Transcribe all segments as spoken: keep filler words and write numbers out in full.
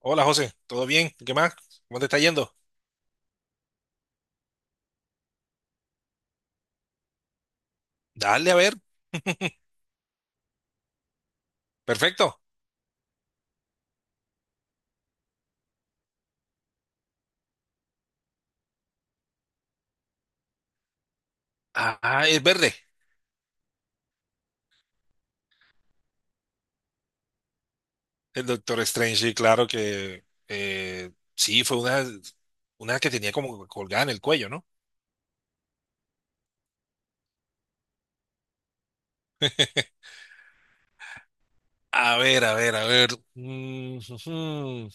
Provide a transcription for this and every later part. Hola José, ¿todo bien? ¿Qué más? ¿Cómo te está yendo? Dale, a ver. Perfecto. Ah, es verde. El Doctor Strange, sí, claro que eh, sí, fue una, una que tenía como colgada en el cuello, ¿no? A ver, a ver, a ver. Mm, ujú.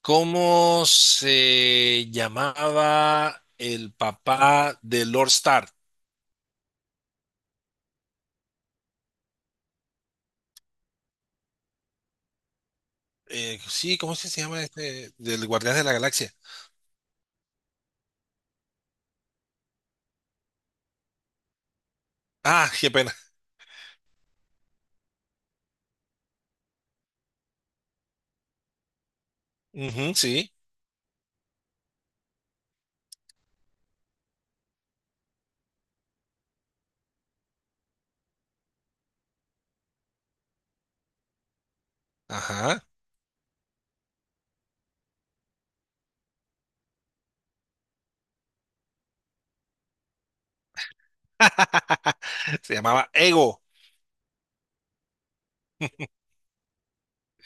¿Cómo se llamaba el papá de Lord Stark? Eh, sí, ¿cómo es que se llama este? Del Guardián de la Galaxia. Ah, qué pena. Ujú, sí. Ajá. Se llamaba Ego.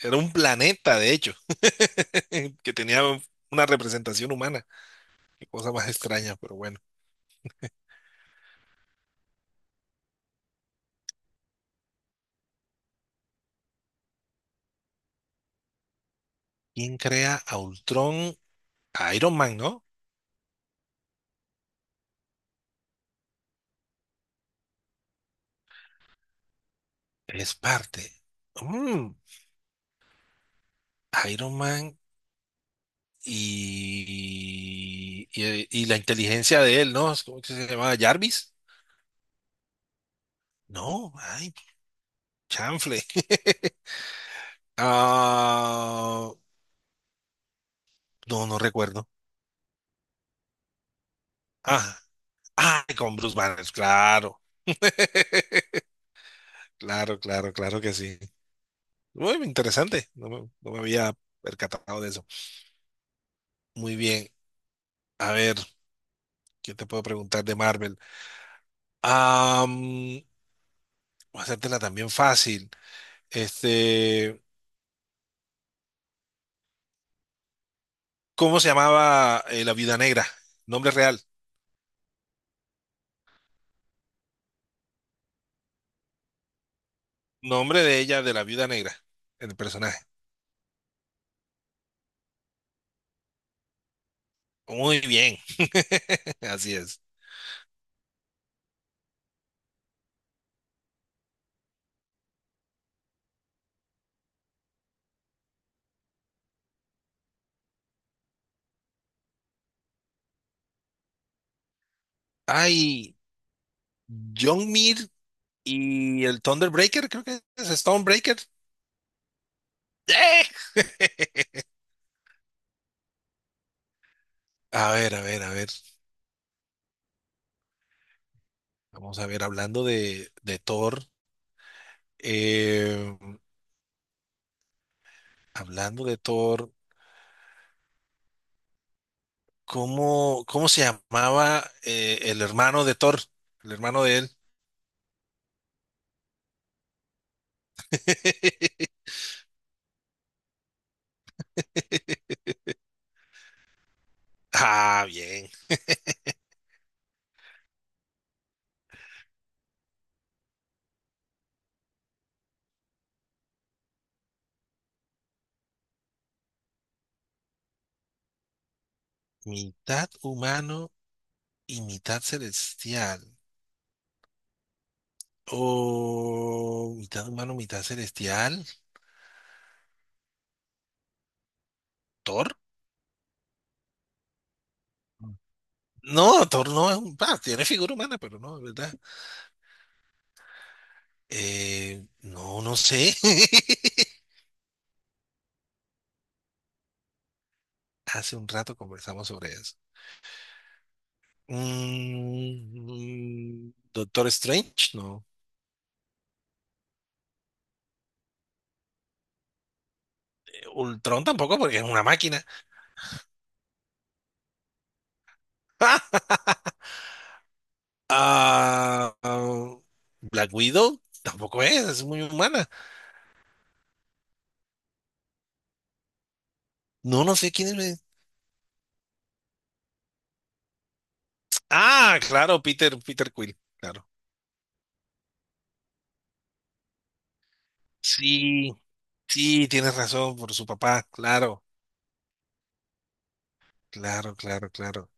Era un planeta, de hecho, que tenía una representación humana. Qué cosa más extraña, pero bueno. ¿Quién crea a Ultron? A Iron Man, ¿no? Él es parte. Mm, Iron Man y, y, y la inteligencia de él, ¿no? ¿Cómo que se llamaba? ¿Jarvis? No, ay, chanfle. Ah, no, no recuerdo. Ah, ay, con Bruce Banner, claro. Claro, claro, claro que sí. Muy interesante. No me, no me había percatado de eso. Muy bien. A ver, ¿qué te puedo preguntar de Marvel? Am, voy a hacértela también fácil. Este, ¿cómo se llamaba eh, la Viuda Negra? Nombre real. Nombre de ella, de la Viuda Negra, el personaje. Muy bien. Así es. Ay, John Mir y el Thunderbreaker, creo que es Stonebreaker. ¡Eh! A ver, a ver, a ver. Vamos a ver, hablando de, de Thor, eh, hablando de Thor, ¿cómo, ¿cómo se llamaba eh, el hermano de Thor? El hermano de él. Ah, bien. Mitad humano y mitad celestial. O mitad humano, mitad celestial. ¿Thor? No, Thor no es un... ah, tiene figura humana, pero no, es ¿verdad? Eh, no, no sé. Hace un rato conversamos sobre eso. Mm, Doctor Strange, no. Ultron tampoco, porque es una máquina. Ah, ah, Black Widow tampoco es, es muy humana. No, no sé quién es. Ah, claro, Peter, Peter Quill, claro. Sí, sí, tienes razón por su papá, claro, claro, claro, claro.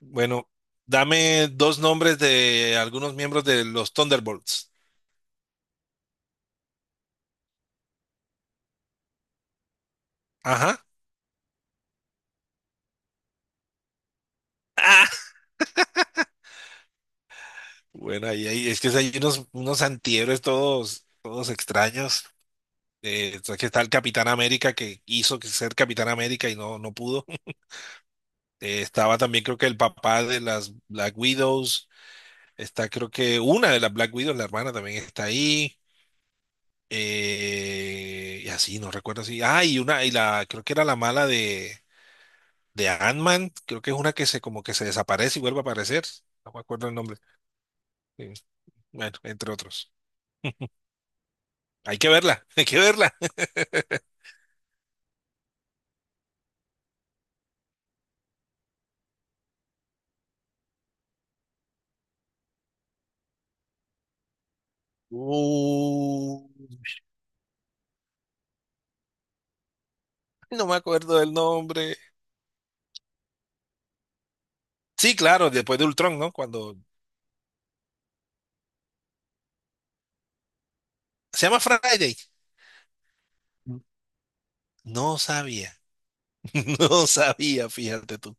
Bueno, dame dos nombres de algunos miembros de los Thunderbolts. Ajá. Bueno, ahí, ahí- es que hay unos, unos antihéroes todos, todos extraños. Eh, está- que está el Capitán América que hizo que ser Capitán América y no, no pudo. Eh, estaba también creo que el papá de las Black Widows. Está creo que una de las Black Widows, la hermana también está ahí. Eh, y así, no recuerdo así. Ah, y una, y la, creo que era la mala de, de Ant-Man. Creo que es una que se como que se desaparece y vuelve a aparecer. No me acuerdo el nombre. Sí. Bueno, entre otros. Hay que verla, hay que verla. Uh, no me acuerdo del nombre. Sí, claro, después de Ultron, ¿no? Cuando se llama Friday. No sabía, no sabía, fíjate tú.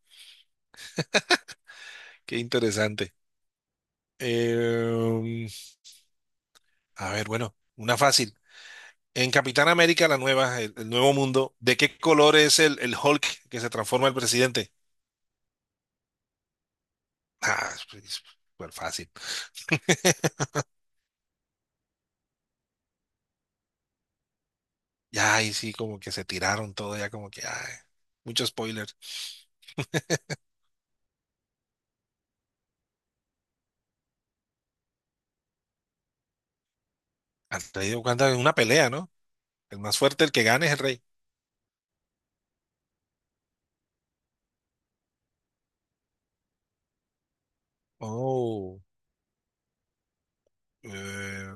Qué interesante. Eh, a ver, bueno, una fácil. En Capitán América, la nueva, el, el nuevo mundo, ¿de qué color es el, el Hulk que se transforma el presidente? Ah, pues, súper fácil. Ya, y sí, como que se tiraron todo, ya como que, ay, mucho spoiler. Han traído cuenta de una pelea, ¿no? El más fuerte, el que gane es el rey. Oh. eh,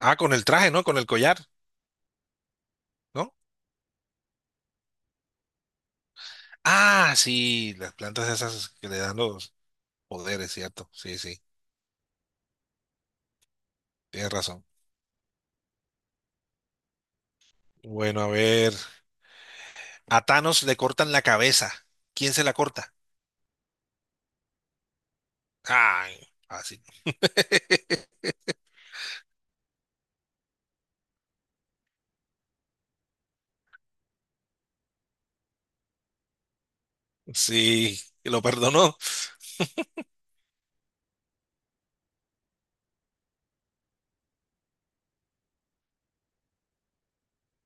ah, con el traje, ¿no? Con el collar, ¿no? Ah, sí, las plantas esas que le dan los poderes, ¿cierto? Sí, sí, tienes razón. Bueno, a ver. A Thanos le cortan la cabeza. ¿Quién se la corta? Ay, así. Sí, lo perdonó.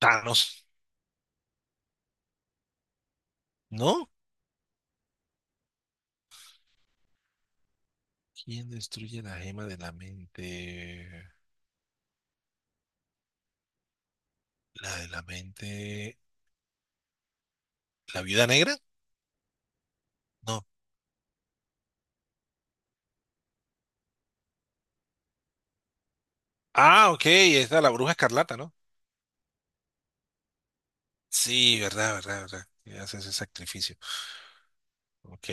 Thanos, ¿no? ¿Quién destruye la gema de la mente? La de la mente. ¿La viuda negra? No. Ah, ok, esta es la bruja escarlata, ¿no? Sí, verdad, verdad, verdad. Y haces ese sacrificio. Ok,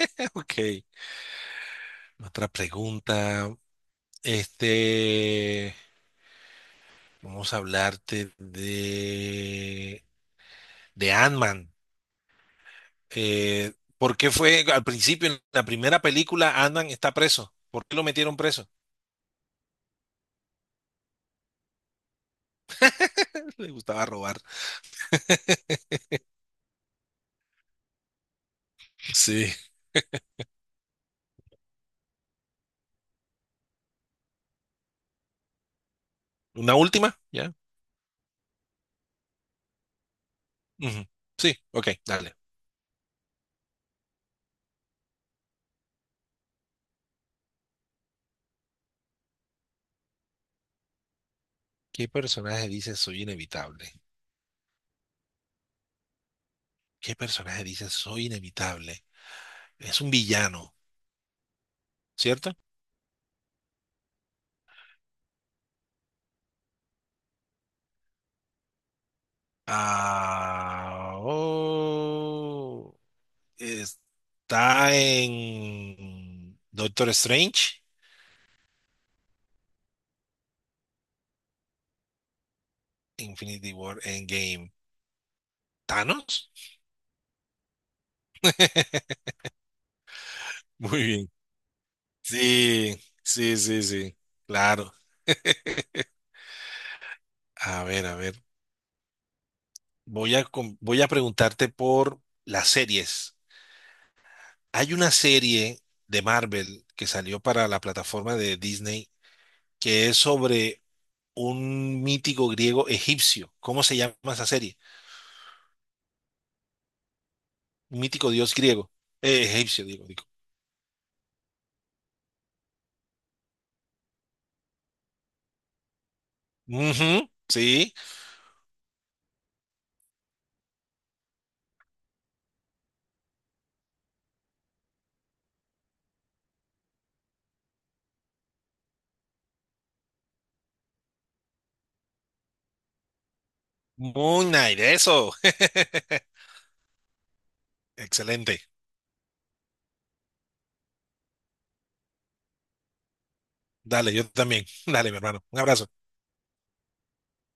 ok. Otra pregunta. Este, vamos a hablarte de, de Ant-Man. Eh, ¿por qué fue al principio, en la primera película, Ant-Man está preso? ¿Por qué lo metieron preso? Le gustaba robar. Sí. ¿Una última? ¿Ya? Ujú. Sí, ok, dale. ¿Qué personaje dice soy inevitable? ¿Qué personaje dice soy inevitable? Es un villano, ¿cierto? Ah, oh, está en Doctor Strange, Infinity War, Endgame. ¿Thanos? Muy bien. Sí, sí, sí, sí. Claro. A ver, a ver. Voy a, com- voy a preguntarte por las series. Hay una serie de Marvel que salió para la plataforma de Disney que es sobre un mítico griego egipcio. ¿Cómo se llama esa serie? Mítico dios griego, eh, egipcio, digo, digo. Ujú, sí, Moon Knight, eso. Excelente. Dale, yo también. Dale, mi hermano. Un abrazo.